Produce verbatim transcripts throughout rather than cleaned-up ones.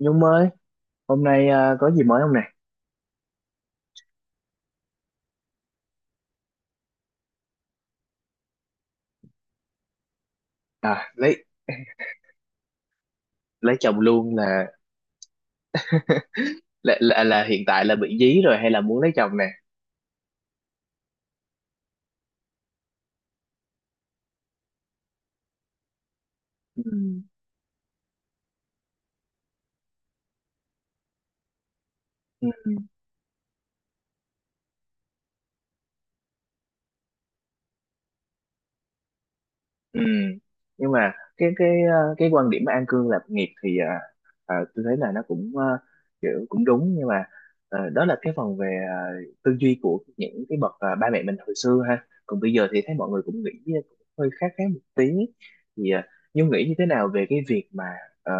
Nhung ơi, hôm nay à, có gì mới không nè? À, lấy lấy chồng luôn là là, là là hiện tại là bị dí rồi hay là muốn lấy chồng nè? Ừ. Ừ. Nhưng mà cái cái ờ, cái quan điểm mà an cư lạc nghiệp thì ờ, ờ, tôi thấy là nó cũng ờ, kiểu cũng đúng, nhưng mà ờ, đó là cái phần về ờ, tư duy của những cái bậc ờ, ba mẹ mình hồi xưa ha. Còn bây giờ thì thấy mọi người cũng nghĩ ờ, cũng hơi khác khác một tí. Thì uh, Nhung nghĩ như thế nào về cái việc mà ờ,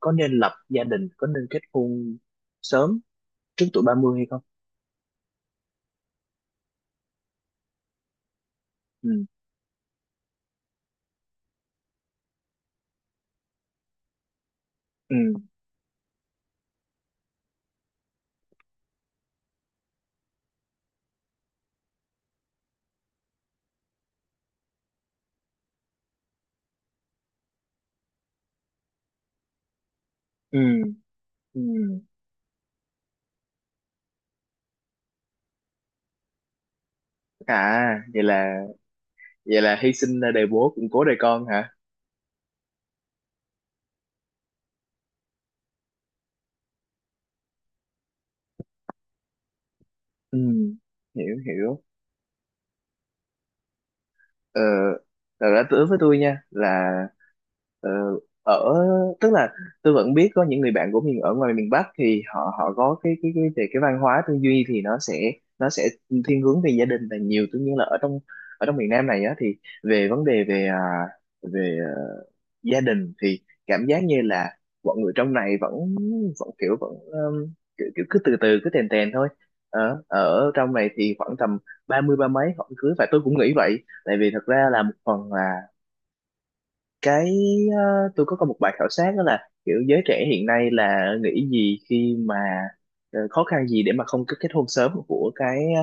có nên lập gia đình, có nên kết hôn sớm trước tuổi ba mươi hay không? Ừ. Ừ. Ừ. Ừ. À, vậy là vậy là hy sinh đời bố củng cố đời con. Ừ, hiểu hiểu. ờ, Thật ra đối với tôi nha là, ờ, ở tức là tôi vẫn biết có những người bạn của mình ở ngoài miền Bắc thì họ họ có cái cái cái về cái văn hóa tư duy thì nó sẽ nó sẽ thiên hướng về gia đình là nhiều, tuy nhiên là ở trong ở trong miền Nam này á thì về vấn đề về à, về gia đình thì cảm giác như là mọi người trong này vẫn vẫn kiểu vẫn um, kiểu, kiểu cứ từ từ cứ tèn tèn thôi. Ở ở trong này thì khoảng tầm ba mươi ba mấy họ cưới, và tôi cũng nghĩ vậy. Tại vì thật ra là một phần là cái ờ, tôi có có một bài khảo sát đó là kiểu giới trẻ hiện nay là nghĩ gì khi mà ờ, khó khăn gì để mà không kết kết hôn sớm, của cái ờ,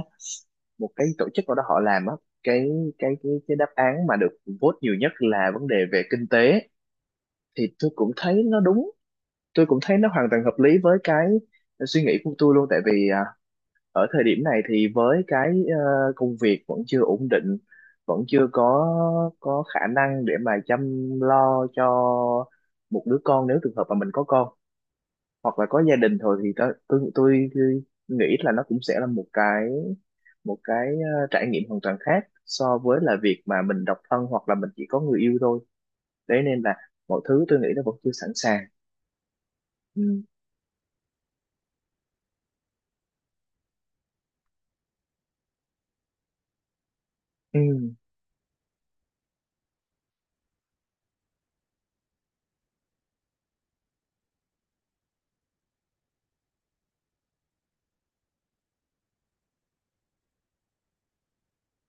một cái tổ chức nào đó họ làm á. Cái cái cái cái đáp án mà được vote nhiều nhất là vấn đề về kinh tế, thì tôi cũng thấy nó đúng. Tôi cũng thấy nó hoàn toàn hợp lý với cái suy nghĩ của tôi luôn, tại vì à, ở thời điểm này thì với cái ờ, công việc vẫn chưa ổn định, vẫn chưa có có khả năng để mà chăm lo cho một đứa con, nếu trường hợp mà mình có con hoặc là có gia đình thôi, thì tôi tôi, tôi, tôi nghĩ là nó cũng sẽ là một cái một cái ờ, trải nghiệm hoàn toàn khác so với là việc mà mình độc thân hoặc là mình chỉ có người yêu thôi. Đấy nên là mọi thứ tôi nghĩ nó vẫn chưa sẵn sàng. Ừ. ừ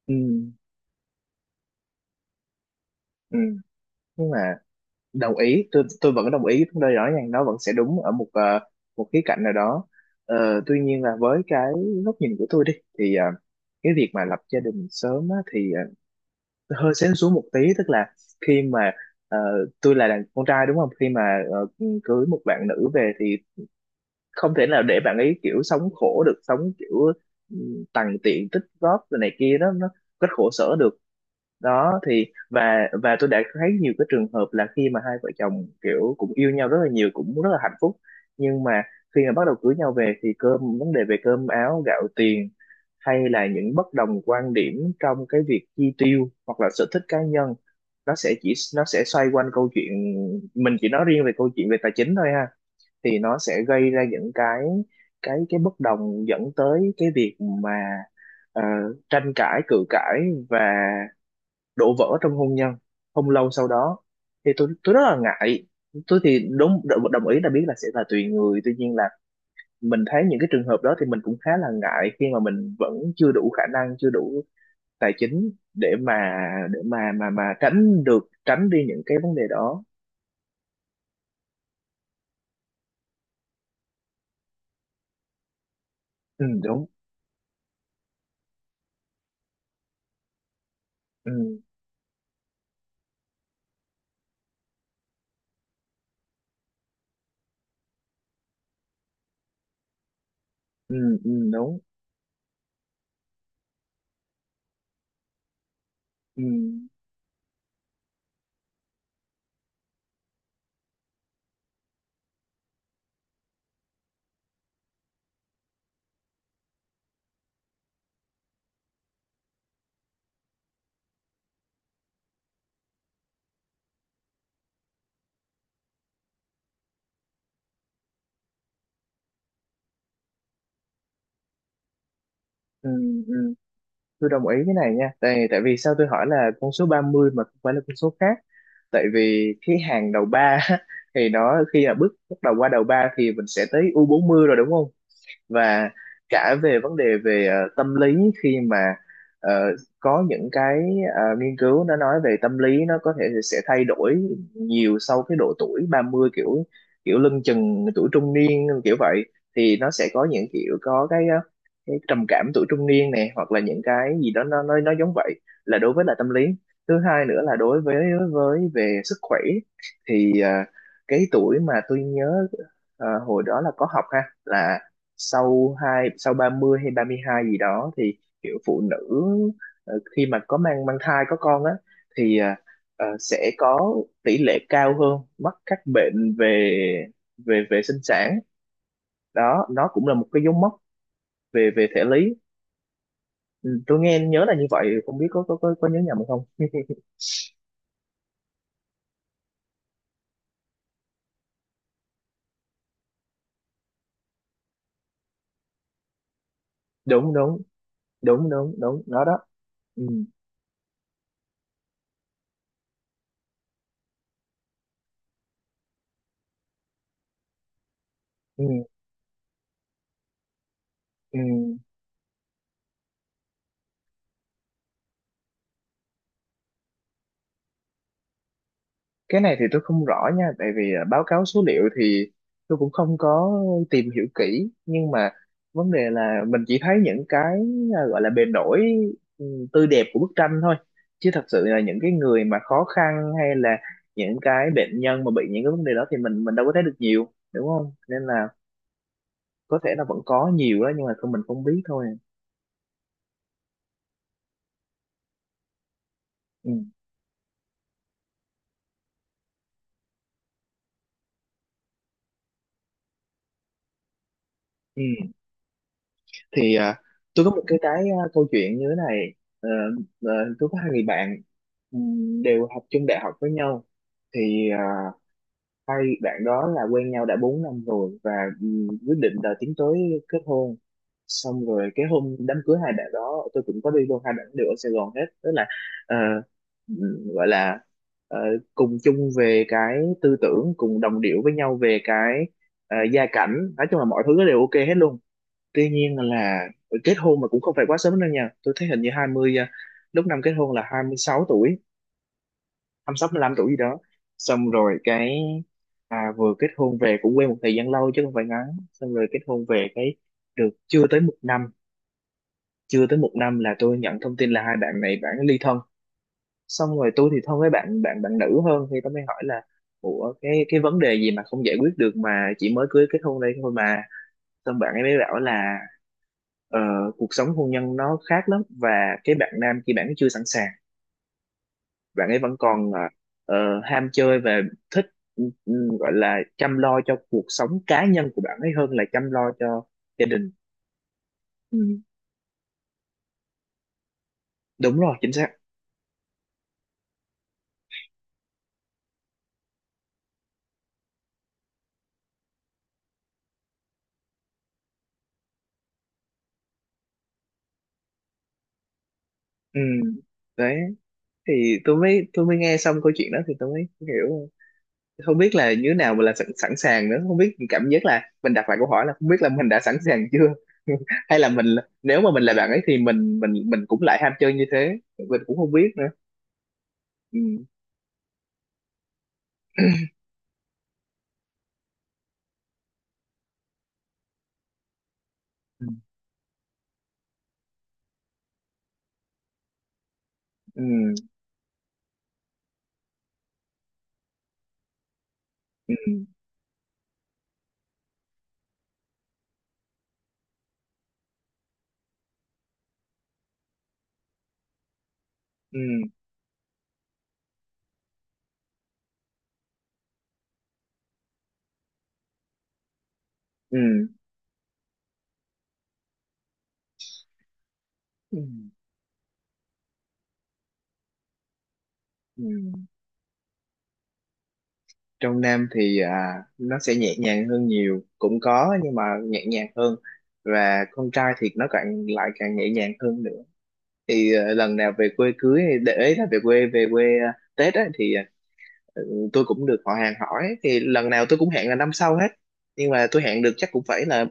ừ ừ. Nhưng mà đồng ý, tôi tôi vẫn đồng ý đây, rõ ràng nó vẫn sẽ đúng ở một ờ, một khía cạnh nào đó. Ờ, tuy nhiên là với cái góc nhìn của tôi đi thì ờ, cái việc mà lập gia đình sớm á, thì ờ, hơi sến xuống một tí, tức là khi mà ờ, tôi là đàn con trai đúng không, khi mà ờ, cưới một bạn nữ về thì không thể nào để bạn ấy kiểu sống khổ được, sống kiểu, ừ, tằn tiện tích góp rồi này kia đó, nó rất khổ sở được. Đó thì và và tôi đã thấy nhiều cái trường hợp là khi mà hai vợ chồng kiểu cũng yêu nhau rất là nhiều, cũng rất là hạnh phúc, nhưng mà khi mà bắt đầu cưới nhau về thì cơm vấn đề về cơm áo gạo tiền hay là những bất đồng quan điểm trong cái việc chi tiêu hoặc là sở thích cá nhân, nó sẽ chỉ nó sẽ xoay quanh câu chuyện, mình chỉ nói riêng về câu chuyện về tài chính thôi ha, thì nó sẽ gây ra những cái cái cái bất đồng, dẫn tới cái việc mà ờ, tranh cãi cự cãi và đổ vỡ trong hôn nhân không lâu sau đó, thì tôi tôi rất là ngại. Tôi thì đúng đ- đồng ý là biết là sẽ là tùy người, tuy nhiên là mình thấy những cái trường hợp đó thì mình cũng khá là ngại khi mà mình vẫn chưa đủ khả năng, chưa đủ tài chính để mà để mà mà mà tránh được, tránh đi những cái vấn đề đó. Ừ đúng ừ ừ ừ đúng ừ ừ ừ. Tôi đồng ý cái này nha, tại tại vì sao tôi hỏi là con số ba mươi mà không phải là con số khác, tại vì cái hàng đầu ba thì nó khi là bước bắt đầu qua đầu ba thì mình sẽ tới u bốn mươi rồi, đúng không? Và cả về vấn đề về ờ, tâm lý, khi mà ờ, có những cái ờ, nghiên cứu nó nói về tâm lý, nó có thể sẽ thay đổi nhiều sau cái độ tuổi ba mươi, kiểu kiểu lưng chừng tuổi trung niên kiểu vậy, thì nó sẽ có những kiểu có cái ờ, cái trầm cảm tuổi trung niên này hoặc là những cái gì đó nó nó nó giống vậy. Là đối với là tâm lý. Thứ hai nữa là đối với với về sức khỏe, thì ờ, cái tuổi mà tôi nhớ ờ, hồi đó là có học ha, là sau hai sau ba mươi hay ba mươi hai gì đó thì kiểu phụ nữ ờ, khi mà có mang mang thai có con á thì ờ, ờ, sẽ có tỷ lệ cao hơn mắc các bệnh về về về sinh sản. Đó nó cũng là một cái dấu mốc về về thể lý. Ừ, tôi nghe nhớ là như vậy, không biết có có có, có nhớ nhầm không đúng đúng, đúng đúng đúng nó đó. Ừ, ừ, ừ. Cái này thì tôi không rõ nha, tại vì à, báo cáo số liệu thì tôi cũng không có tìm hiểu kỹ, nhưng mà vấn đề là mình chỉ thấy những cái à, gọi là bề nổi, ừ, tươi đẹp của bức tranh thôi, chứ thật sự là những cái người mà khó khăn hay là những cái bệnh nhân mà bị những cái vấn đề đó thì mình mình đâu có thấy được nhiều, đúng không, nên là có thể là vẫn có nhiều đó nhưng mà không, mình không biết thôi. Ừ. Ừ. Thì à, tôi có một cái cái à, câu chuyện như thế này. Ờ, ờ, tôi có hai người bạn, ừm, đều học chung đại học với nhau. Thì à, hai bạn đó là quen nhau đã bốn năm rồi, và ừm, quyết định là tiến tới kết hôn. Xong rồi cái hôm đám cưới hai bạn đó tôi cũng có đi luôn, hai bạn đều ở Sài Gòn hết, tức là ờ, ừm, gọi là ờ, cùng chung về cái tư tưởng, cùng đồng điệu với nhau về cái ờ, gia cảnh, nói chung là mọi thứ đều ok hết luôn. Tuy nhiên là kết hôn mà cũng không phải quá sớm đâu nha, tôi thấy hình như hai mươi à, lúc năm kết hôn là hai mươi sáu tuổi, năm sáu mười lăm tuổi gì đó. Xong rồi cái à, vừa kết hôn về cũng quen một thời gian lâu chứ không phải ngắn. Xong rồi kết hôn về cái được chưa tới một năm, chưa tới một năm là tôi nhận thông tin là hai bạn này bạn ly thân. Xong rồi tôi thì thân với bạn bạn bạn nữ hơn, thì tôi mới hỏi là ủa cái cái vấn đề gì mà không giải quyết được mà chỉ mới cưới, kết hôn đây thôi mà. Xong bạn ấy mới bảo là ờ, cuộc sống hôn nhân nó khác lắm, và cái bạn nam kia bạn ấy chưa sẵn sàng, bạn ấy vẫn còn à, ờ, ham chơi và thích, ừ, ừ, gọi là chăm lo cho cuộc sống cá nhân của bạn ấy hơn là chăm lo cho gia đình. Đúng rồi, chính xác. Ừ. Đấy thì tôi mới tôi mới nghe xong câu chuyện đó thì tôi mới hiểu, không biết là như thế nào mà là sẵn, sẵn sàng nữa, không biết, cảm giác là mình đặt lại câu hỏi là không biết là mình đã sẵn sàng chưa hay là mình, nếu mà mình là bạn ấy thì mình mình mình cũng lại ham chơi như thế, mình cũng không biết nữa. Ừ. Ừ. Ừ. Ừ. Ừ. Ừ. Ừ. Ừ. Trong Nam thì à, nó sẽ nhẹ nhàng hơn, nhiều cũng có nhưng mà nhẹ nhàng hơn, và con trai thì nó càng lại càng nhẹ nhàng hơn nữa. Thì à, lần nào về quê cưới hay để ý là về quê về quê à, Tết á, thì à, tôi cũng được họ hàng hỏi, thì lần nào tôi cũng hẹn là năm sau hết. Nhưng mà tôi hẹn được chắc cũng phải là,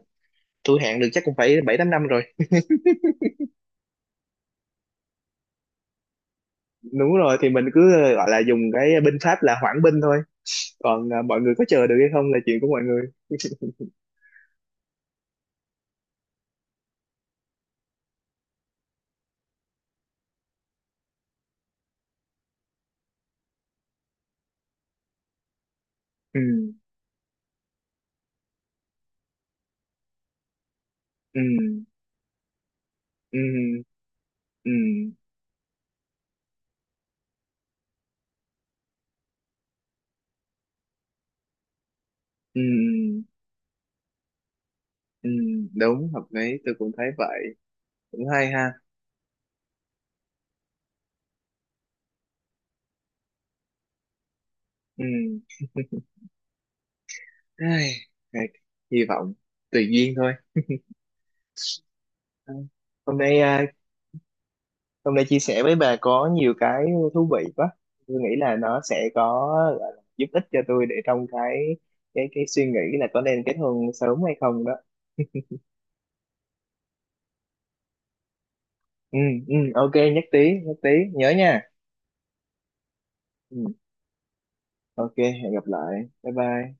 tôi hẹn được chắc cũng phải bảy tám năm rồi. Đúng rồi, thì mình cứ à, gọi là dùng cái binh pháp là hoãn binh thôi, còn à, mọi người có chờ được hay không là chuyện của mọi người ừ ừ ừ ừ ừ, ừ, đúng, hợp lý, tôi cũng thấy vậy, cũng hay ha. Ừ. Ai, ai, hy vọng tùy duyên thôi. Ừ. Hôm nay à, hôm nay chia sẻ với bà có nhiều cái thú vị quá. Tôi nghĩ là nó sẽ có, gọi là giúp ích cho tôi để trong cái cái cái suy nghĩ là có nên kết hôn sớm hay không đó. Ừ, ừ, ok, nhất trí, nhất trí, nhớ nha. Ừ, ok, hẹn gặp lại. Bye bye.